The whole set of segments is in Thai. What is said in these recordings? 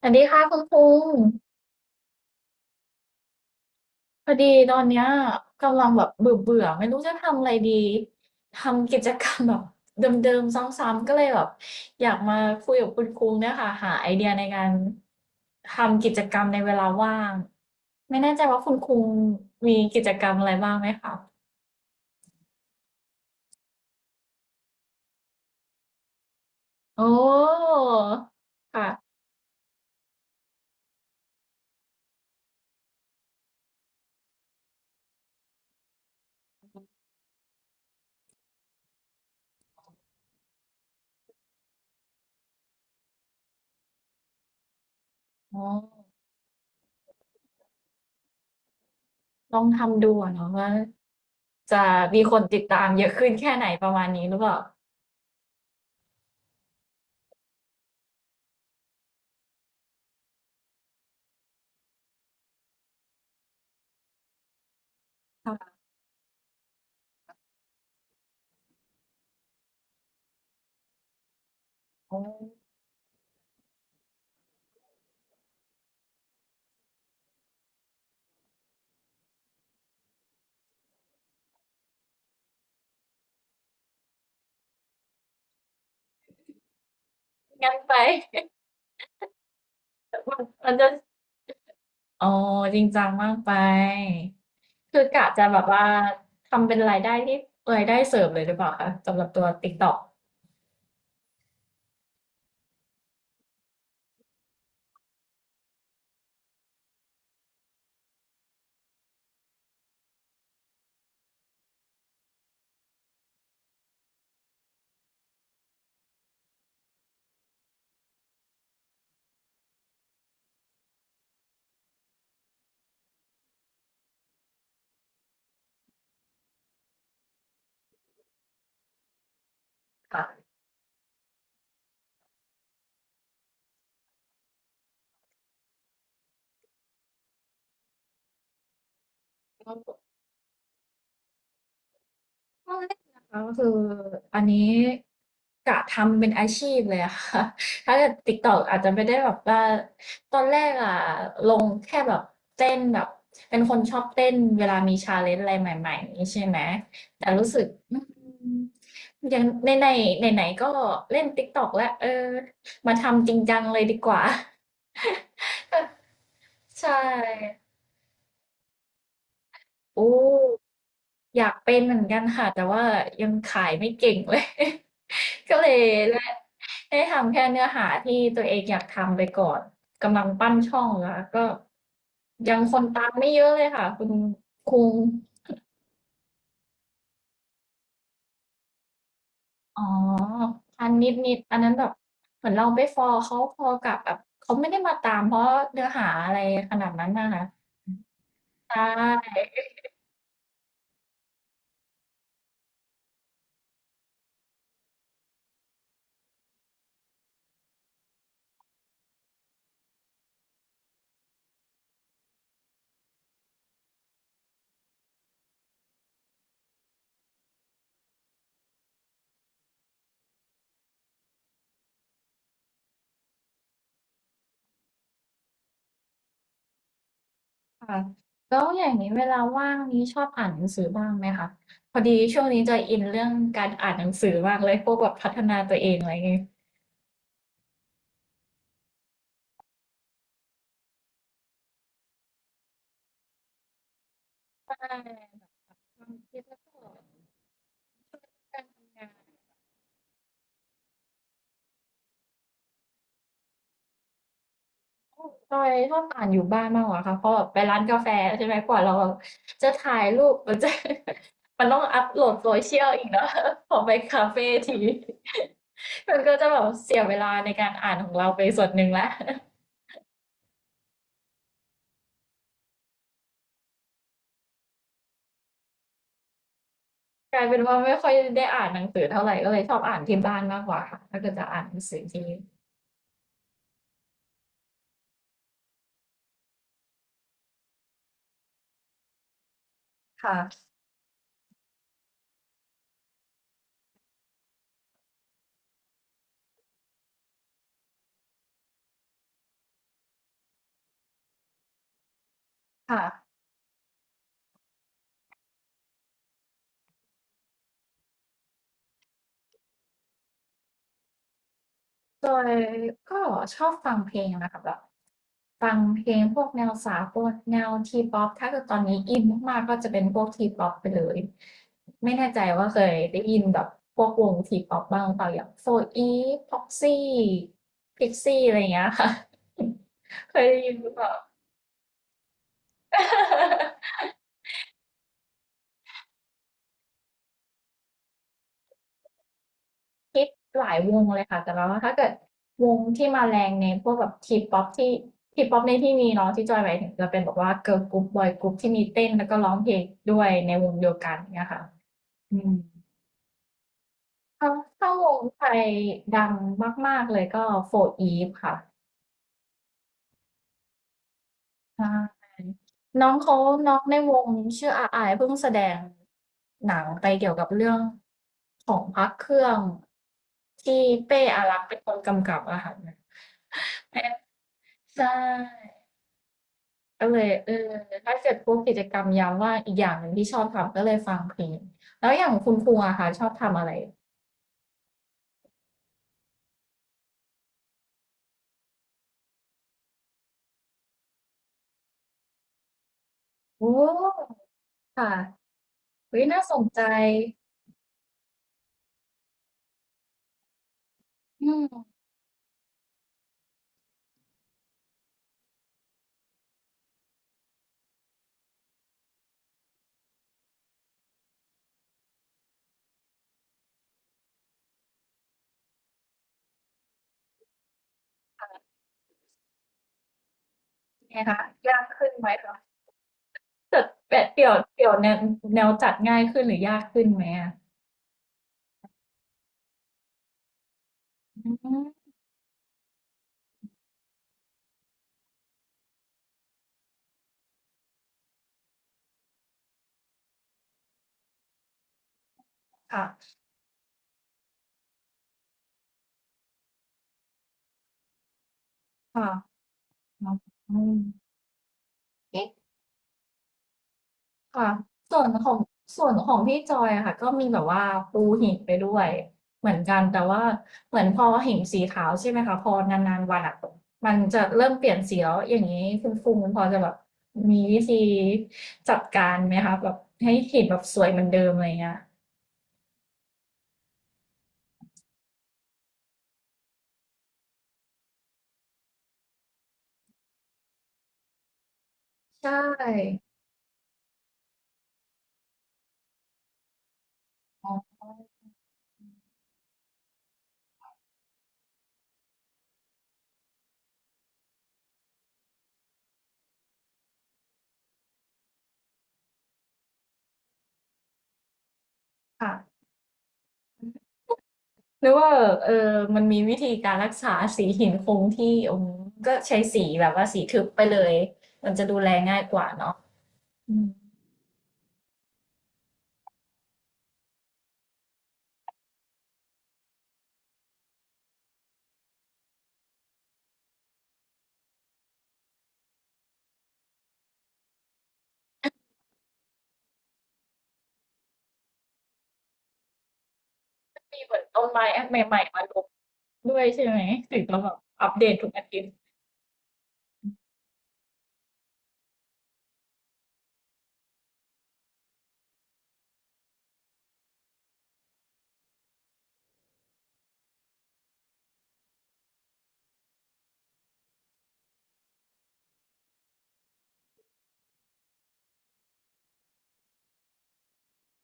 สวัสดีค่ะคุณคุงพอดีตอนเนี้ยกำลังแบบเบื่อเบื่อไม่รู้จะทำอะไรดีทำกิจกรรมแบบเดิมๆซ้ำๆก็เลยแบบอยากมาคุยกับคุณคุงเนี่ยค่ะหาไอเดียในการทำกิจกรรมในเวลาว่างไม่แน่ใจว่าคุณคุงมีกิจกรรมอะไรบ้างไหมคะโอ้ค่ะอ๋อลองทำดูอะเนาะว่าจะมีคนติดตามเยอะขึ้นแค่ไหนประมาณนี้หรือเปล่าค่ะโอ้งั้นไป มันจะ อ๋อจริงจังมากไปคือกะจะแบบว่าทำเป็นรายได้ที่รายได้เสริมเลยหรือเปล่าคะสำหรับตัวติ๊กต อกค่ะ ตอนแรกนะคะก็คืออันนี้กะทำเป็นอาชีพเลยอะค่ะ ถ้าเกิด TikTok อาจจะไม่ได้แบบว่าตอนแรกอะลงแค่แบบเต้นแบบเป็นคนชอบเต้นเวลามีชาเลนจ์อะไรใหม่ๆนี้ใช่ไหมแต่รู้สึกอืมยังในนไหนๆไหนๆก็เล่น TikTok แล้วมาทำจริงจังเลยดีกว่า ใช่ โอ้อยากเป็นเหมือนกันค่ะแต่ว่ายังขายไม่เก่งเลย ก็เลยได้ได้ทำแค่เนื้อหาที่ตัวเองอยากทำไปก่อนกำลังปั้นช่องแล้วก็ยังคนตามไม่เยอะเลยค่ะคุณคุงอ๋อพันนิดนิดอันนั้นแบบเหมือนเราไปฟอลเขาพอกับแบบเขาไม่ได้มาตามเพราะเนื้อหาอะไรขนาดนั้นนะคะใช่ ค่ะแล้วอย่างนี้เวลาว่างนี้ชอบอ่านหนังสือบ้างไหมคะพอดีช่วงนี้จะอินเรื่องการอ่านหนังสือมากเลยพวกแบบพัฒนาตัวเองอะไรงี้ใช่ความคิดแล้วก็การทำงานจอยชอบอ่านอยู่บ้านมากกว่าค่ะเพราะแบบไปร้านกาแฟใช่ไหมกว่าเราจะถ่ายรูปมันจะ มันต้องอัปโหลด social อีกเนาะพอไปคาเฟที มันก็จะแบบเสียเวลาในการอ่านของเราไปส่วนหนึ่งแล้ว กลายเป็นว่าไม่ค่อยได้อ่านหนังสือเท่าไหรก็เลยชอบอ่านที่บ้านมากกว่าค่ะถ้าเกิดจะอ่านหนังสือที่ค่ะค่ะโดยก็ชอบฟังเพลงนะคะแบบฟังเพลงพวกแนวสากลแนว T-pop ถ้าเกิดตอนนี้อินมากๆก็จะเป็นพวก T-pop ไปเลยไม่แน่ใจว่าเคยได้ยินแบบพวกวง T-pop บ้างหรือเปล่าอย่าง 4EVE PROXY PIXXiE อะไรอย่างเงี้ยค่ะ เคยได้ยินหรือเปล่า คิดหลายวงเลยค่ะแต่แล้ว่าถ้าเกิดวงที่มาแรงในพวกแบบทีป๊อปที่ทีป๊อปในที่นี้เนาะที่จอยหมายถึงจะเป็นแบบว่าเกิร์ลกรุ๊ปบอยกรุ๊ปที่มีเต้นแล้วก็ร้องเพลงด้วยในวงเดียวกันเนี่ยค่ะอืมถ้าวงไทยดังมากๆเลยก็โฟร์อีฟค่ะใช่น้องเขาน้องในวงชื่ออาอายเพิ่งแสดงหนังไปเกี่ยวกับเรื่องของพระเครื่องที่เป้อารักษ์เป็นคนกำกับอะค่ะ ใช่ก็เลยถ้าเกิดพวกกิจกรรมยามว่างอีกอย่างหนึ่งที่ชอบทำก็เลยฟังเพลงแล้วอย่างคุณครูอะค่ะชอบทำอะไรโอ้ค่ะเฮ้ยน่าสนใจอืมไงคะยากขึ้นไหมคะเกิดแปดเดี่ยวเดี่ยวแนวแนวจัดง่ายขึ้นหรือยากขึ้นไหมอะอืมค่ะค่ะอืม ค่ะส่วนของส่วนของพี่จอยอะค่ะก็มีแบบว่าปูหินไปด้วยเหมือนกันแต่ว่าเหมือนพอหินสีขาวใช่ไหมคะพอนานๆวันอะมันจะเริ่มเปลี่ยนสีแล้วอย่างนี้คุณฟูมิพอจะแบบมีวิธีจัดการไหมคะแบบให้หินแบบสวยเหมือนเดิมอะไรเงี้ยใช่อ๋อค่ะหรือว่าเออมันมีวิธีการรักษาสีหินคงที่อืมก็ใช้สีแบบว่าสีทึบไปเลยมันจะดูแลง่ายกว่าเนาะอืม มีเหมือนต้นไม้อันใหม่ๆมาลงด้วยใช่ไหมถึงต้แบบอัปเดตทุกอาทิตย์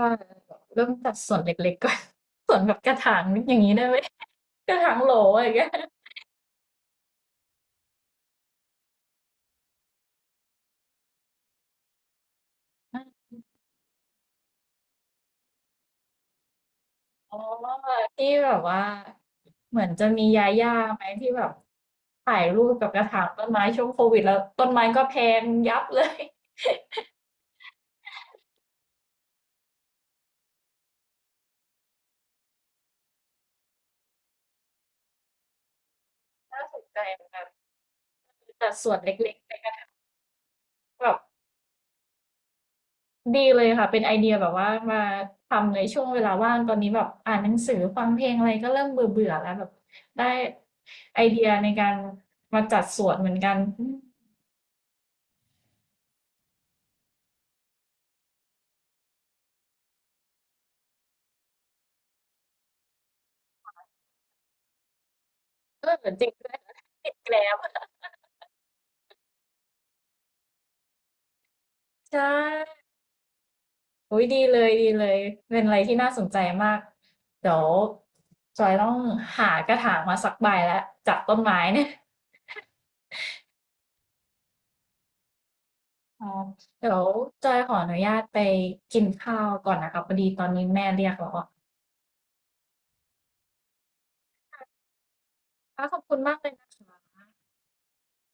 ว่าเริ่มจากส่วนเล็กๆก่อน ส่วนแบบกระถางอย่างนี้ได้ไหม กระถางโหลอะไรอย่างเงี้ยอ๋อที่แบบว่าเหมือนจะมียาย่าไหมที่แบบถ่ายรูปกับกระถางต้นไม้ช่วงโควิดแล้วต้นไม้ก็แพงยับเลย ใจัแต่ส่วนเล็กๆในกระถางแบบ ดีเลยค่ะเป็นไอเดียแบบว่ามาทำในช่วงเวลาว่างตอนนี้แบบอ่านหนังสือฟังเพลงอะไรก็เริ่มเบื่อเบื่อแล้วแบบได้ไอเดียในการมาจัดสวนเหมือนกันอืมเออจริงด้วยนะติดแกล้มใช่อุ้ยดีเลยดีเลยเป็นอะไรที่น่าสนใจมากเดี๋ยวจอยต้องหากระถางมาสักใบแล้วจากต้นไม้เนี่ยอ๋อเดี๋ยวจอยขออนุญาตไปกินข้าวก่อนนะคะพอดีตอนนี้แม่เรียกแล้วอะค่ะขอบคุณมากเลยนะคะ